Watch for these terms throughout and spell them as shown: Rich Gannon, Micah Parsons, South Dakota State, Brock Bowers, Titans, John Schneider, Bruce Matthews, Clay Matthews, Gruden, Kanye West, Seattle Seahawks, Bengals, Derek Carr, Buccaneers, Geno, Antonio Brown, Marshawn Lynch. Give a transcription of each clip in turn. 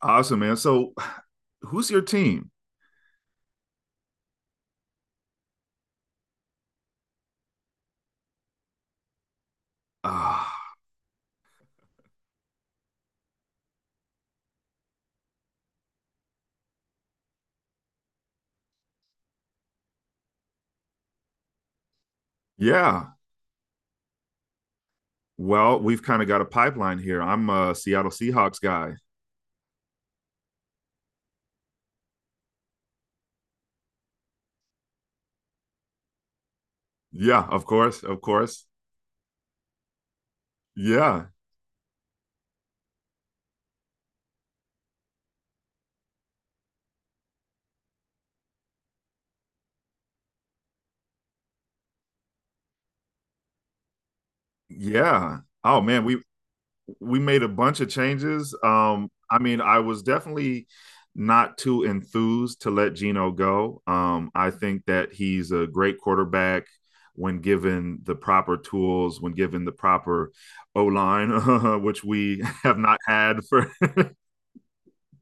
Awesome, man. So, who's your team? Uh, yeah. Well, we've kind of got a pipeline here. I'm a Seattle Seahawks guy. Yeah, of course, of course. Yeah, yeah. Oh man, we made a bunch of changes. I mean, I was definitely not too enthused to let Geno go. I think that he's a great quarterback when given the proper tools, when given the proper O line, which we have not had for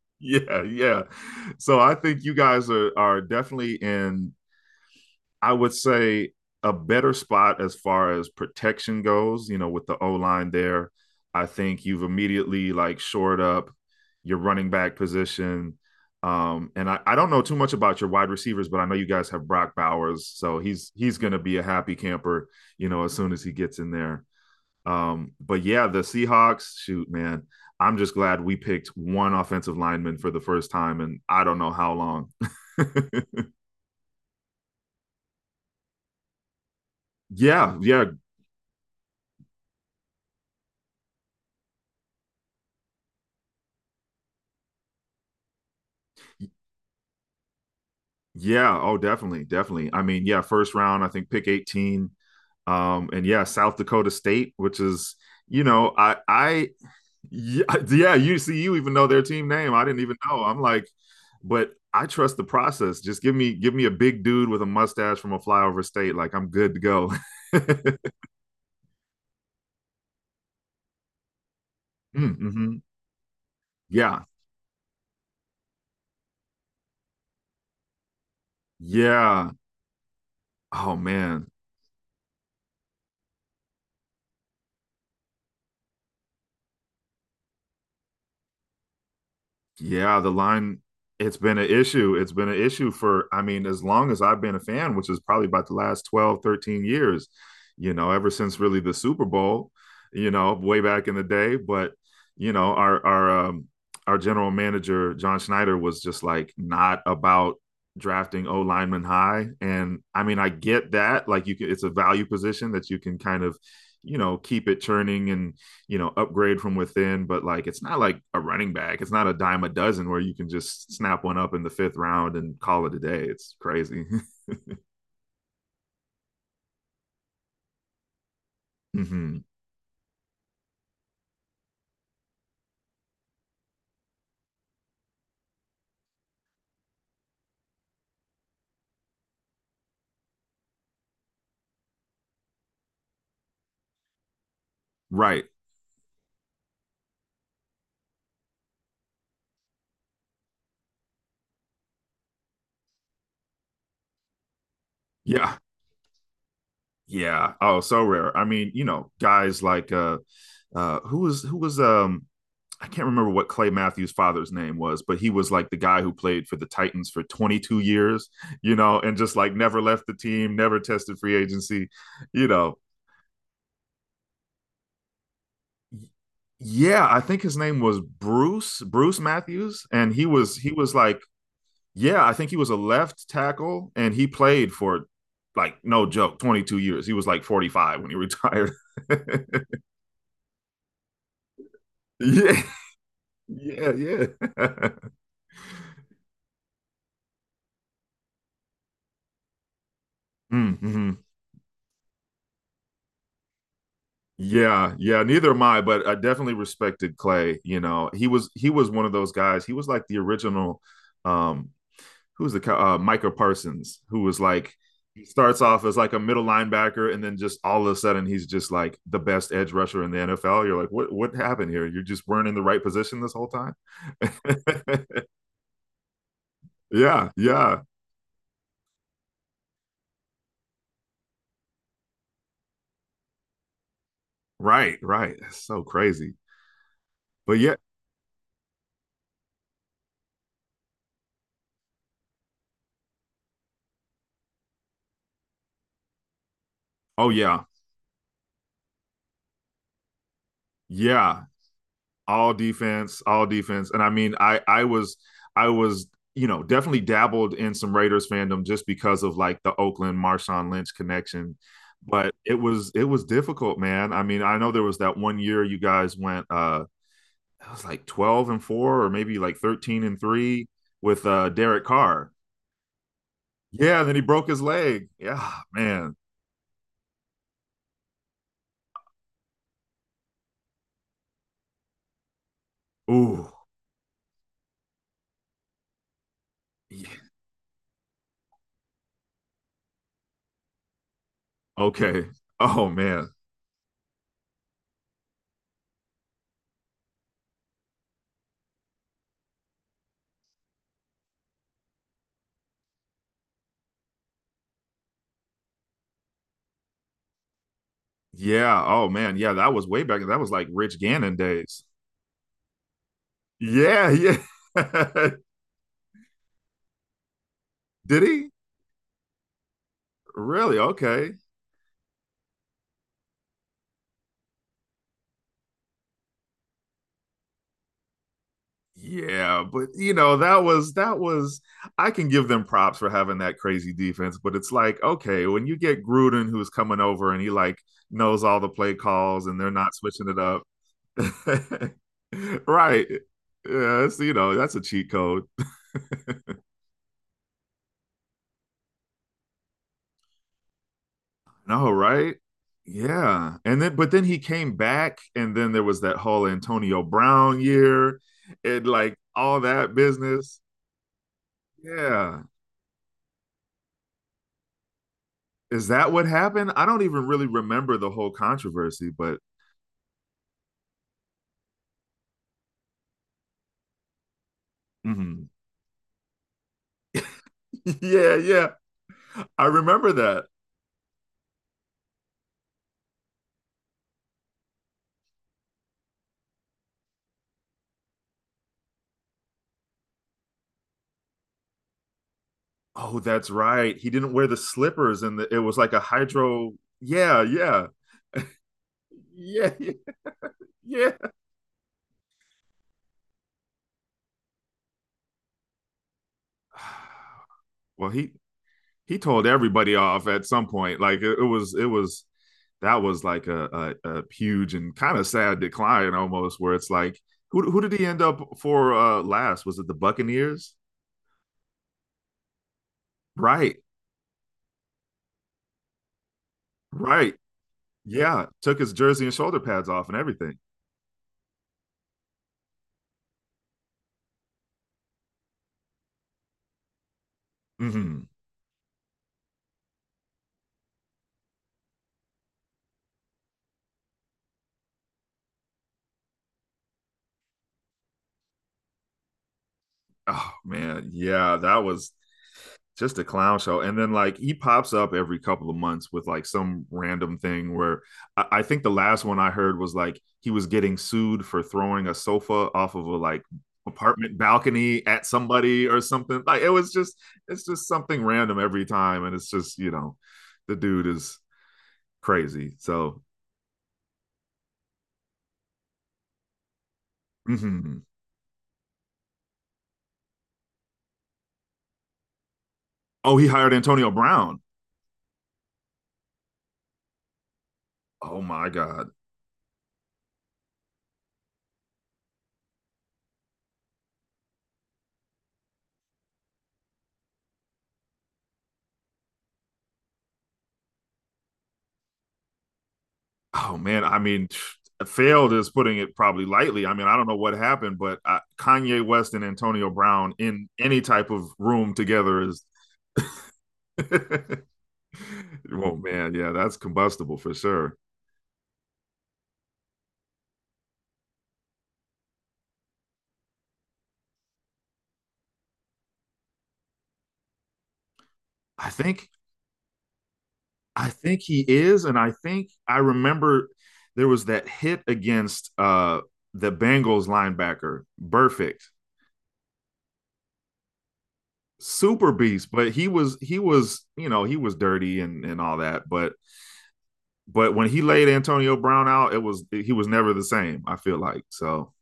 yeah, yeah. So I think you guys are definitely in, I would say, a better spot as far as protection goes. You know, with the O line there, I think you've immediately like shored up your running back position. I don't know too much about your wide receivers, but I know you guys have Brock Bowers, so he's gonna be a happy camper, you know, as soon as he gets in there. But yeah, the Seahawks, shoot, man, I'm just glad we picked one offensive lineman for the first time and I don't know how long. yeah, yeah, yeah. Oh, definitely, definitely. I mean, yeah, first round, I think pick 18. And yeah, South Dakota State, which is you know, I, I, yeah, you see, you even know their team name. I didn't even know. I'm like, but I trust the process. Just Give me a big dude with a mustache from a flyover state. Like I'm good to go. Mm, mm-hmm. Yeah. Yeah. Oh man. Yeah, the line it's been an issue. It's been an issue for, I mean, as long as I've been a fan, which is probably about the last 12, 13 years, you know, ever since really the Super Bowl, you know, way back in the day, but you know, our our um our general manager John Schneider was just like not about drafting O lineman high. And I mean I get that, like, you can, it's a value position that you can kind of, you know, keep it churning and, you know, upgrade from within, but like it's not like a running back. It's not a dime a dozen where you can just snap one up in the fifth round and call it a day. It's crazy. mm-hmm. Right. Yeah. Yeah. Oh, so rare. I mean, you know, guys like who was I can't remember what Clay Matthews' father's name was, but he was like the guy who played for the Titans for 22 years, you know, and just like never left the team, never tested free agency, you know. Yeah, I think his name was Bruce Matthews, and he was like, yeah, I think he was a left tackle, and he played for, like, no joke, 22 years. He was like 45 when he retired. yeah, yeah, yeah. mm-hmm. Yeah, yeah. Neither am I, but I definitely respected Clay. You know, he was one of those guys. He was like the original um who's the Micah Parsons, who was like, he starts off as like a middle linebacker, and then just all of a sudden he's just like the best edge rusher in the NFL. You're like, what happened here? You just weren't in the right position this whole time. yeah, yeah, right, right. That's so crazy. But yeah, oh yeah, yeah. All defense, all defense. And I mean, I was you know definitely dabbled in some Raiders fandom just because of like the Oakland Marshawn Lynch connection. But it was, it was difficult, man. I mean, I know there was that one year you guys went it was like 12-4 or maybe like 13-3 with Derek Carr. Yeah, then he broke his leg. Yeah, man. Ooh. Yeah. Okay. Oh man. Yeah. Oh man. Yeah, that was way back. That was like Rich Gannon days. Yeah, yeah. Did he? Really? Okay. Yeah, but you know, that was that was, I can give them props for having that crazy defense, but it's like, okay, when you get Gruden who's coming over and he like knows all the play calls and they're not switching it up. Right. Yeah, it's, you know, that's a cheat code. No, right? Yeah. And then but then he came back and then there was that whole Antonio Brown year and like all that business. Yeah. Is that what happened? I don't even really remember the whole controversy, but mhm. yeah, yeah. I remember that. Oh, that's right. He didn't wear the slippers and the, it was like a hydro. Yeah, yeah. Yeah, yeah. Yeah. Well, he told everybody off at some point. Like it was, it was that was like a huge and kind of sad decline almost where it's like, who did he end up for last? Was it the Buccaneers? Right. Right. Yeah, took his jersey and shoulder pads off and everything. Hmm. Oh man, yeah, that was just a clown show. And then like he pops up every couple of months with like some random thing where I think the last one I heard was like he was getting sued for throwing a sofa off of a like apartment balcony at somebody or something. Like it was just, it's just something random every time, and it's just, you know, the dude is crazy. So, mhm. Oh, he hired Antonio Brown. Oh my god. Oh man, I mean, failed is putting it probably lightly. I mean, I don't know what happened, but Kanye West and Antonio Brown in any type of room together is. Oh man, yeah, that's combustible for sure. I think I think he is, and I think I remember there was that hit against the Bengals linebacker, perfect, super beast. But he was you know he was dirty and all that, but when he laid Antonio Brown out, it was, he was never the same. I feel like so.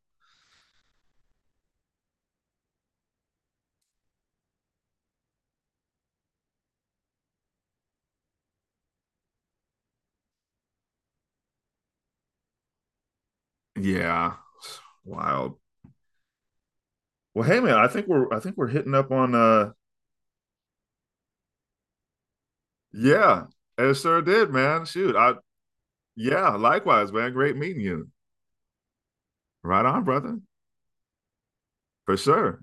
Yeah, wild. Well, hey man, I think we're hitting up on uh, yeah, it sure did, man. Shoot, I, yeah, likewise, man. Great meeting you. Right on, brother, for sure.